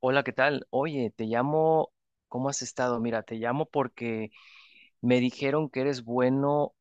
Hola, ¿qué tal? Oye, te llamo, ¿cómo has estado? Mira, te llamo porque me dijeron que eres bueno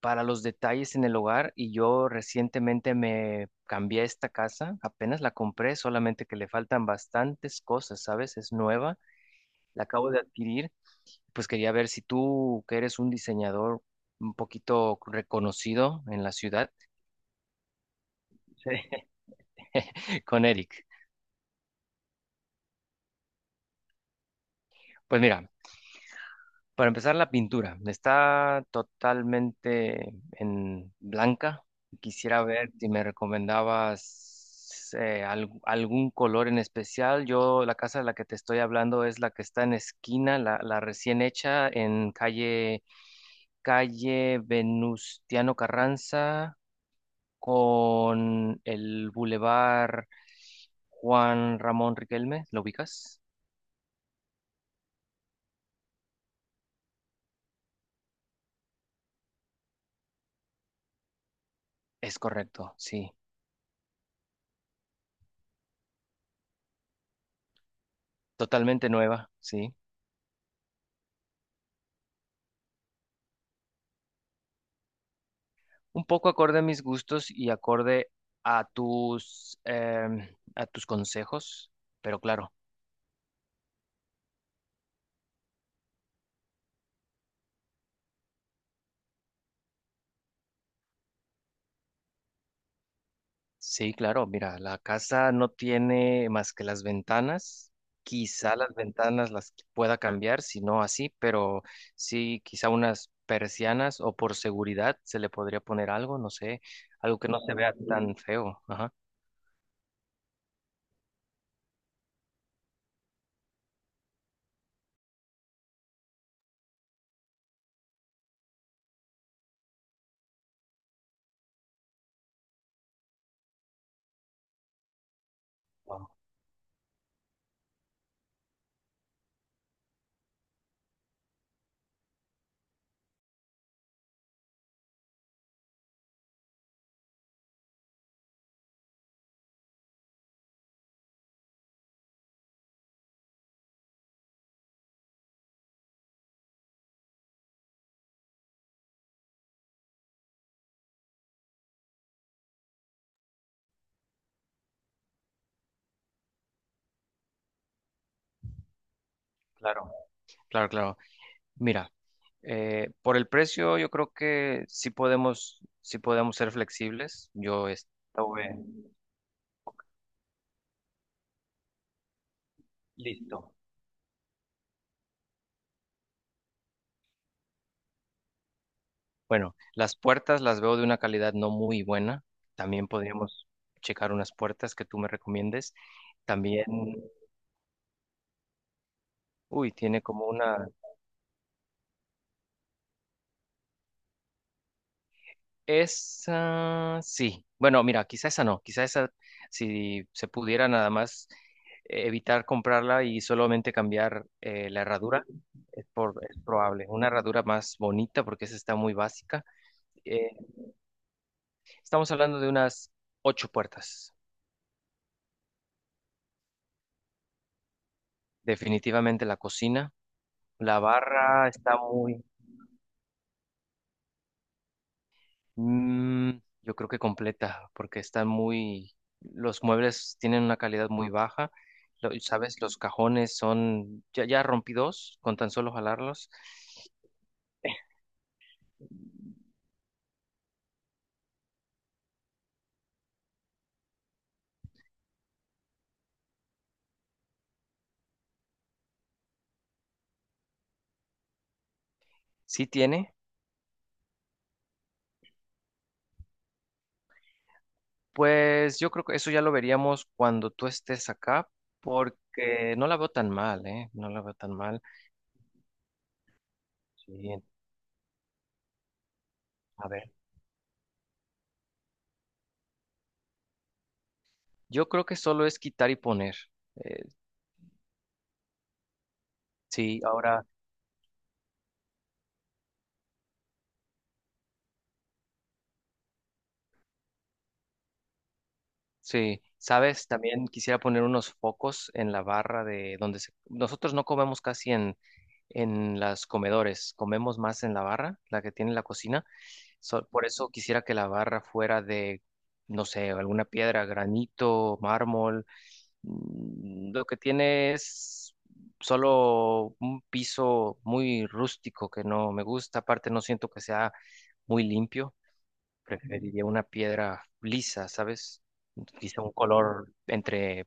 para los detalles en el hogar y yo recientemente me cambié a esta casa, apenas la compré, solamente que le faltan bastantes cosas, ¿sabes? Es nueva, la acabo de adquirir, pues quería ver si tú, que eres un diseñador un poquito reconocido en la ciudad, con Eric. Pues mira. Para empezar, la pintura está totalmente en blanca. Quisiera ver si me recomendabas algún color en especial. Yo, la casa de la que te estoy hablando es la que está en esquina, la recién hecha en calle Venustiano Carranza con el bulevar Juan Ramón Riquelme. ¿Lo ubicas? Es correcto, sí. Totalmente nueva, sí. Un poco acorde a mis gustos y acorde a tus, a tus consejos, pero claro, sí, claro, mira, la casa no tiene más que las ventanas. Quizá las ventanas las pueda cambiar, si no así, pero sí, quizá unas persianas o por seguridad se le podría poner algo, no sé, algo que no se vea tan feo. Ajá. Wow. Claro, claro, claro. Mira, por el precio yo creo que sí podemos ser flexibles. Yo estuve listo. Bueno, las puertas las veo de una calidad no muy buena. También podríamos checar unas puertas que tú me recomiendes. También, uy, tiene como una. Esa sí. Bueno, mira, quizá esa no. Quizá esa, si se pudiera nada más evitar comprarla y solamente cambiar la herradura, es, por, es probable. Una herradura más bonita porque esa está muy básica. Eh, estamos hablando de unas ocho puertas. Definitivamente la cocina. La barra está muy... Mm, yo creo que completa, porque están muy, los muebles tienen una calidad muy baja. Lo- sabes, los cajones son, ya rompí dos con tan solo jalarlos. Sí tiene. Pues yo creo que eso ya lo veríamos cuando tú estés acá, porque no la veo tan mal, ¿eh? No la veo tan mal. Sí, a ver. Yo creo que solo es quitar y poner. Eh, sí, ahora. Sí, sabes, también quisiera poner unos focos en la barra de donde se- nosotros no comemos casi en las comedores, comemos más en la barra, la que tiene la cocina. So- por eso quisiera que la barra fuera de, no sé, alguna piedra, granito, mármol. Lo que tiene es solo un piso muy rústico que no me gusta. Aparte, no siento que sea muy limpio. Preferiría una piedra lisa, ¿sabes? Quizá un color entre...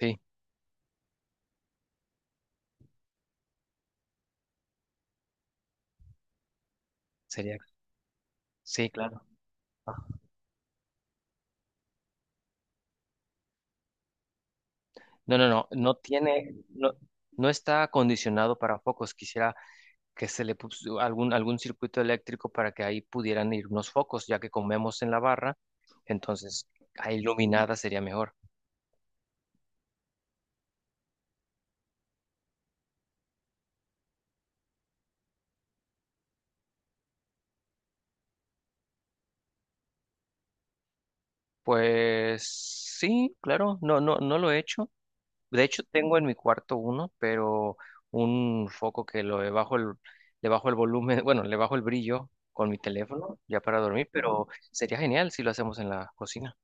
Sí, sería... Sí, claro. Ajá. No tiene... No, no está acondicionado para focos. Quisiera que se le puso algún circuito eléctrico para que ahí pudieran ir unos focos, ya que comemos en la barra. Entonces, ahí iluminada sería mejor. Pues sí, claro, no, no, no lo he hecho. De hecho, tengo en mi cuarto uno, pero un foco que lo le bajo el volumen, bueno, le bajo el brillo con mi teléfono ya para dormir, pero sería genial si lo hacemos en la cocina.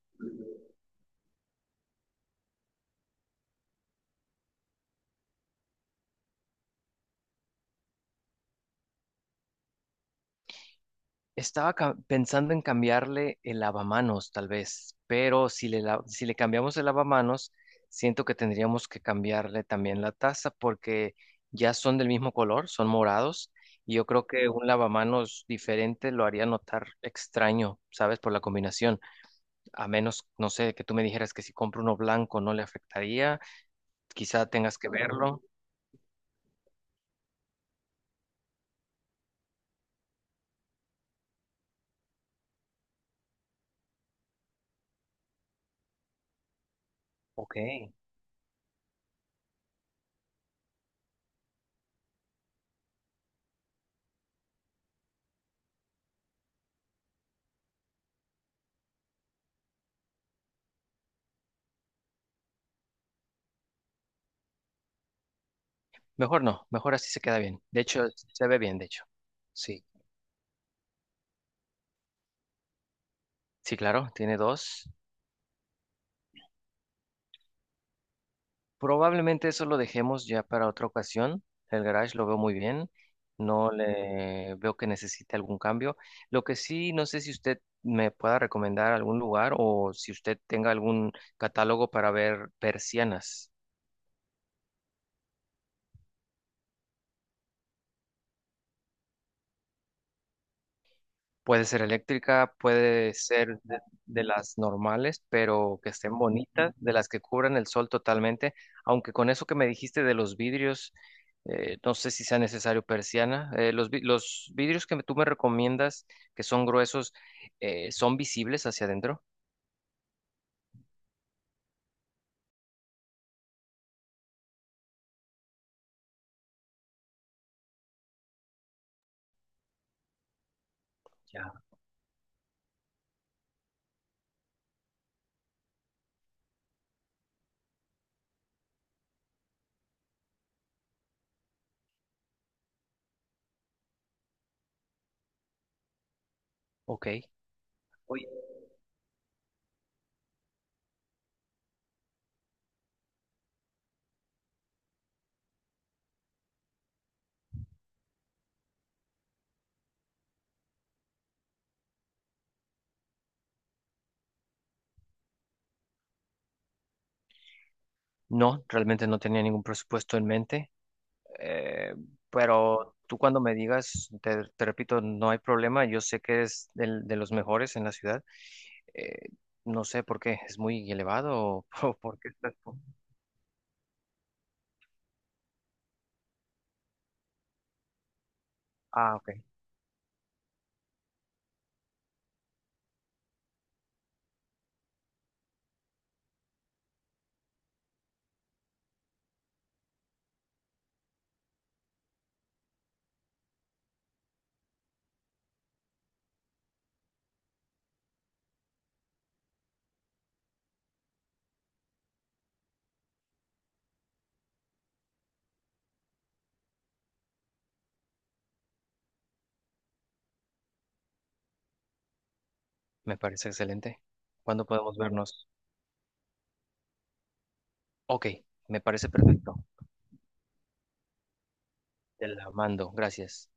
Estaba ca- pensando en cambiarle el lavamanos, tal vez, pero si le cambiamos el lavamanos, siento que tendríamos que cambiarle también la taza porque ya son del mismo color, son morados, y yo creo que un lavamanos diferente lo haría notar extraño, ¿sabes? Por la combinación. A menos, no sé, que tú me dijeras que si compro uno blanco no le afectaría, quizá tengas que verlo. Ok. Mejor no, mejor así se queda bien. De hecho, se ve bien, de hecho. Sí, sí, claro, tiene dos. Probablemente eso lo dejemos ya para otra ocasión. El garage lo veo muy bien. No le veo que necesite algún cambio. Lo que sí, no sé si usted me pueda recomendar algún lugar o si usted tenga algún catálogo para ver persianas. Puede ser eléctrica, puede ser de las normales, pero que estén bonitas, de las que cubran el sol totalmente. Aunque con eso que me dijiste de los vidrios, no sé si sea necesario persiana. Los vidrios que tú me recomiendas, que son gruesos, ¿son visibles hacia adentro? Ya. Ok. Oye, no, realmente no tenía ningún presupuesto en mente, eh, pero tú cuando me digas, te repito, no hay problema. Yo sé que es del- de los mejores en la ciudad. Eh, no sé por qué, es muy elevado o, o por qué estás... po- Ah, ok, me parece excelente. ¿Cuándo podemos vernos? Ok, me parece perfecto. Te la mando, gracias.